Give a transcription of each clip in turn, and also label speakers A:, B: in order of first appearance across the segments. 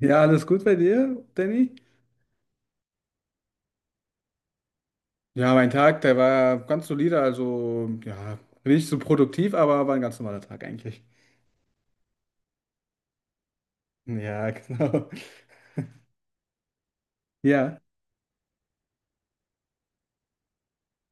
A: Ja, alles gut bei dir, Danny? Ja, mein Tag, der war ganz solide, also ja, nicht so produktiv, aber war ein ganz normaler Tag eigentlich. Ja, genau. Ja.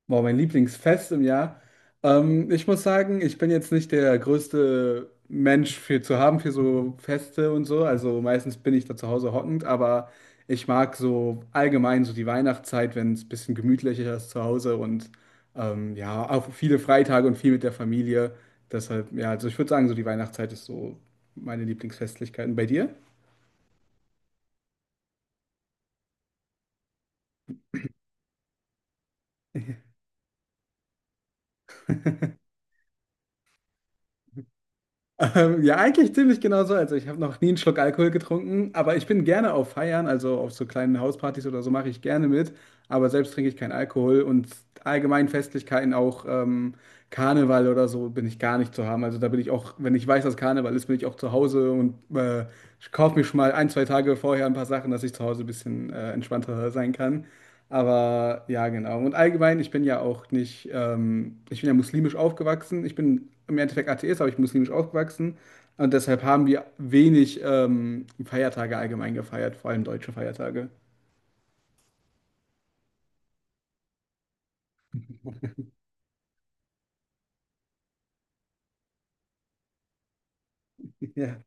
A: Boah, mein Lieblingsfest im Jahr. Ich muss sagen, ich bin jetzt nicht der größte Mensch für zu haben für so Feste und so. Also meistens bin ich da zu Hause hockend, aber ich mag so allgemein so die Weihnachtszeit, wenn es ein bisschen gemütlicher ist zu Hause und ja, auch viele Freitage und viel mit der Familie. Deshalb, ja, also ich würde sagen, so die Weihnachtszeit ist so meine Lieblingsfestlichkeiten. Bei dir? Ja, eigentlich ziemlich genau so. Also ich habe noch nie einen Schluck Alkohol getrunken, aber ich bin gerne auf Feiern, also auf so kleinen Hauspartys oder so mache ich gerne mit, aber selbst trinke ich keinen Alkohol und allgemein Festlichkeiten, auch Karneval oder so, bin ich gar nicht zu haben. Also da bin ich auch, wenn ich weiß, dass Karneval ist, bin ich auch zu Hause und ich kaufe mir schon mal ein, zwei Tage vorher ein paar Sachen, dass ich zu Hause ein bisschen entspannter sein kann. Aber ja, genau. Und allgemein, ich bin ja auch nicht, ich bin ja muslimisch aufgewachsen. Ich bin im Endeffekt Atheist, aber ich bin muslimisch aufgewachsen. Und deshalb haben wir wenig Feiertage allgemein gefeiert, vor allem deutsche Feiertage. Ja.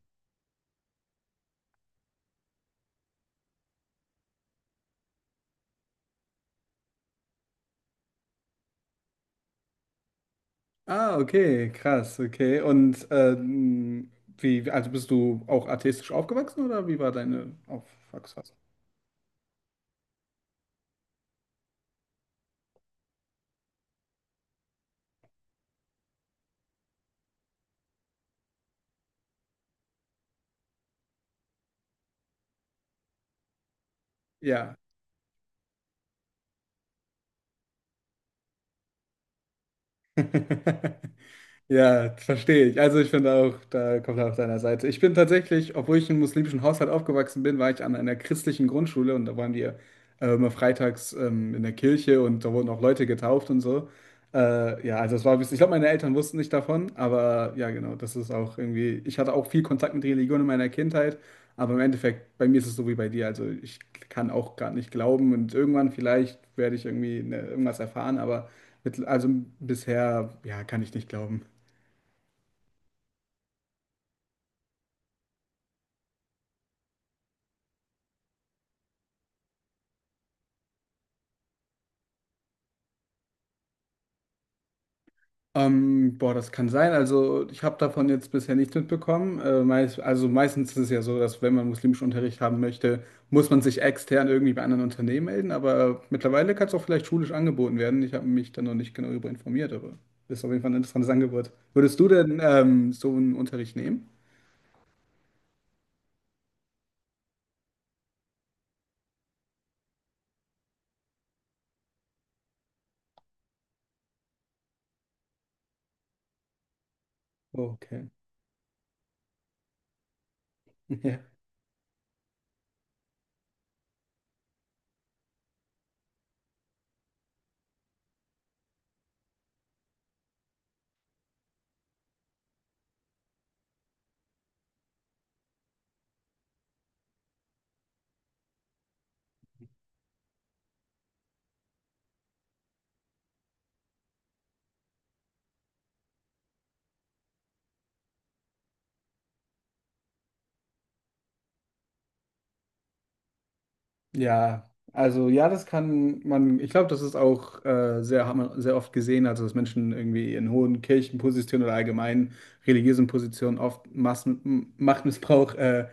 A: Ah, okay, krass, okay. Und wie, also bist du auch atheistisch aufgewachsen oder wie war deine Aufwachsphase? Ja. Ja, verstehe ich. Also ich finde auch, da kommt er auf deiner Seite. Ich bin tatsächlich, obwohl ich in einem muslimischen Haushalt aufgewachsen bin, war ich an einer christlichen Grundschule und da waren wir immer freitags in der Kirche und da wurden auch Leute getauft und so. Ja, also es war, ich glaube, meine Eltern wussten nicht davon, aber ja, genau, das ist auch irgendwie, ich hatte auch viel Kontakt mit Religion in meiner Kindheit, aber im Endeffekt, bei mir ist es so wie bei dir. Also ich kann auch gerade nicht glauben und irgendwann vielleicht werde ich irgendwie ne, irgendwas erfahren, aber mit, also bisher, ja, kann ich nicht glauben. Boah, das kann sein. Also ich habe davon jetzt bisher nichts mitbekommen. Meist, also meistens ist es ja so, dass wenn man muslimischen Unterricht haben möchte, muss man sich extern irgendwie bei anderen Unternehmen melden. Aber mittlerweile kann es auch vielleicht schulisch angeboten werden. Ich habe mich da noch nicht genau darüber informiert, aber ist auf jeden Fall ein interessantes Angebot. Würdest du denn so einen Unterricht nehmen? Okay. Ja, also ja, das kann man, ich glaube, das ist auch sehr, hat man sehr oft gesehen, also dass Menschen irgendwie in hohen Kirchenpositionen oder allgemein religiösen Positionen oft Massen, M- Machtmissbrauch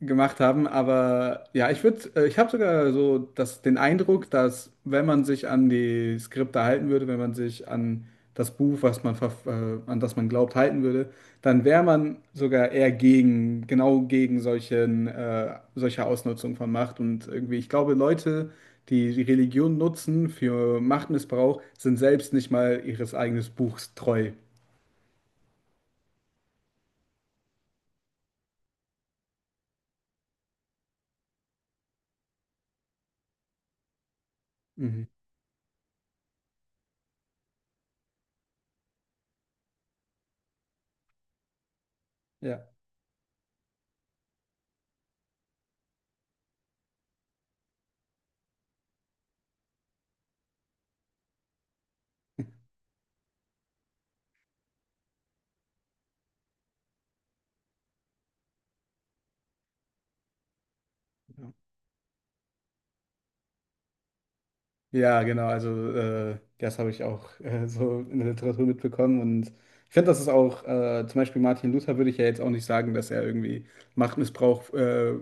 A: gemacht haben. Aber ja, ich würde, ich habe sogar so das, den Eindruck, dass wenn man sich an die Skripte halten würde, wenn man sich an das Buch, was man verf- an das man glaubt, halten würde, dann wäre man sogar eher gegen, genau gegen solchen, solche Ausnutzung von Macht. Und irgendwie, ich glaube, Leute, die Religion nutzen für Machtmissbrauch, sind selbst nicht mal ihres eigenen Buchs treu. Mhm. Ja. Ja, genau, also das habe ich auch so in der Literatur mitbekommen und ich finde, das ist auch, zum Beispiel Martin Luther würde ich ja jetzt auch nicht sagen, dass er irgendwie Machtmissbrauch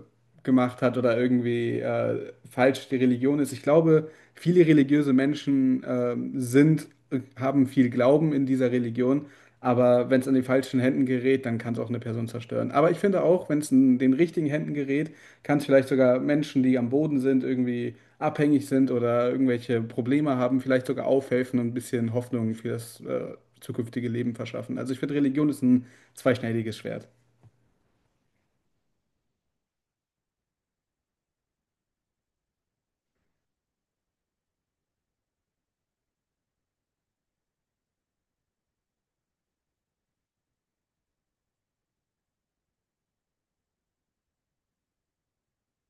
A: gemacht hat oder irgendwie falsch die Religion ist. Ich glaube, viele religiöse Menschen sind, haben viel Glauben in dieser Religion, aber wenn es in die falschen Händen gerät, dann kann es auch eine Person zerstören. Aber ich finde auch, wenn es in den richtigen Händen gerät, kann es vielleicht sogar Menschen, die am Boden sind, irgendwie abhängig sind oder irgendwelche Probleme haben, vielleicht sogar aufhelfen und ein bisschen Hoffnung für das zukünftige Leben verschaffen. Also ich finde, Religion ist ein zweischneidiges Schwert.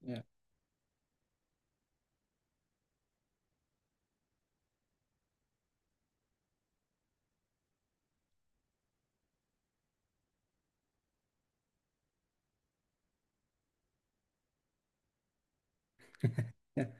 A: Ja. Ja.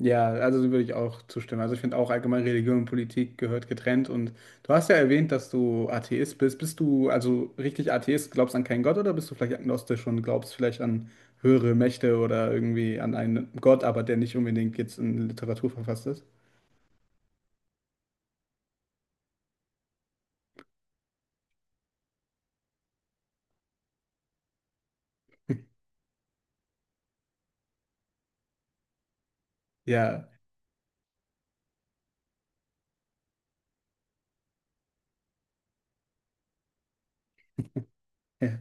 A: Ja, also so würde ich auch zustimmen. Also ich finde auch allgemein Religion und Politik gehört getrennt. Und du hast ja erwähnt, dass du Atheist bist. Bist du also richtig Atheist, glaubst an keinen Gott oder bist du vielleicht agnostisch und glaubst vielleicht an höhere Mächte oder irgendwie an einen Gott, aber der nicht unbedingt jetzt in Literatur verfasst ist? Ja, ja,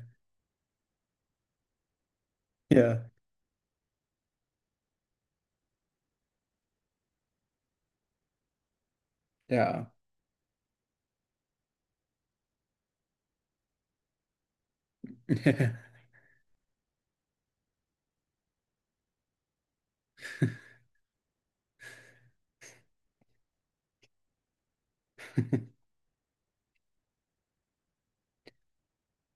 A: ja, ja.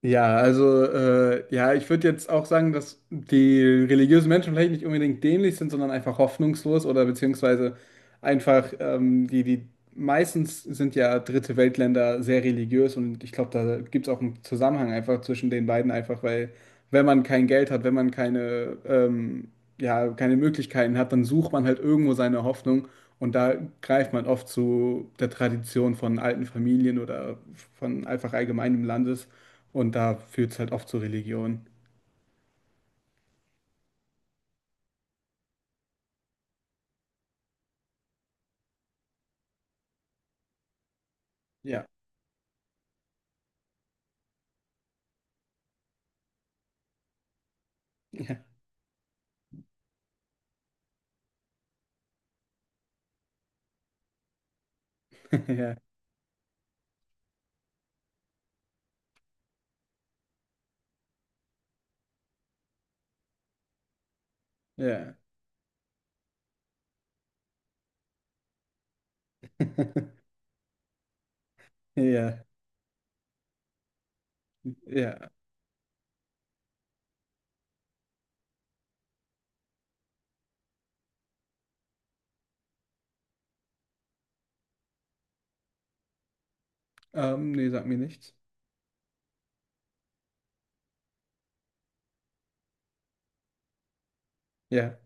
A: Ja, also ja, ich würde jetzt auch sagen, dass die religiösen Menschen vielleicht nicht unbedingt dämlich sind, sondern einfach hoffnungslos oder beziehungsweise einfach die, die meistens sind ja Dritte Weltländer sehr religiös und ich glaube, da gibt es auch einen Zusammenhang einfach zwischen den beiden, einfach weil wenn man kein Geld hat, wenn man keine, ja, keine Möglichkeiten hat, dann sucht man halt irgendwo seine Hoffnung. Und da greift man oft zu der Tradition von alten Familien oder von einfach allgemeinem Landes. Und da führt es halt oft zur Religion. Ja. Ja. Ja. Ja. Ja. Ja. Nee, sag mir nichts. Ja.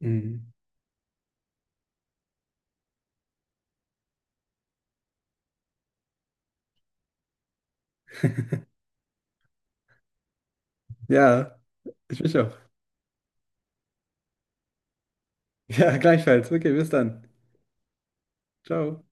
A: Mhm. Ja, ich mich auch. Ja, gleichfalls. Okay, bis dann. Ciao.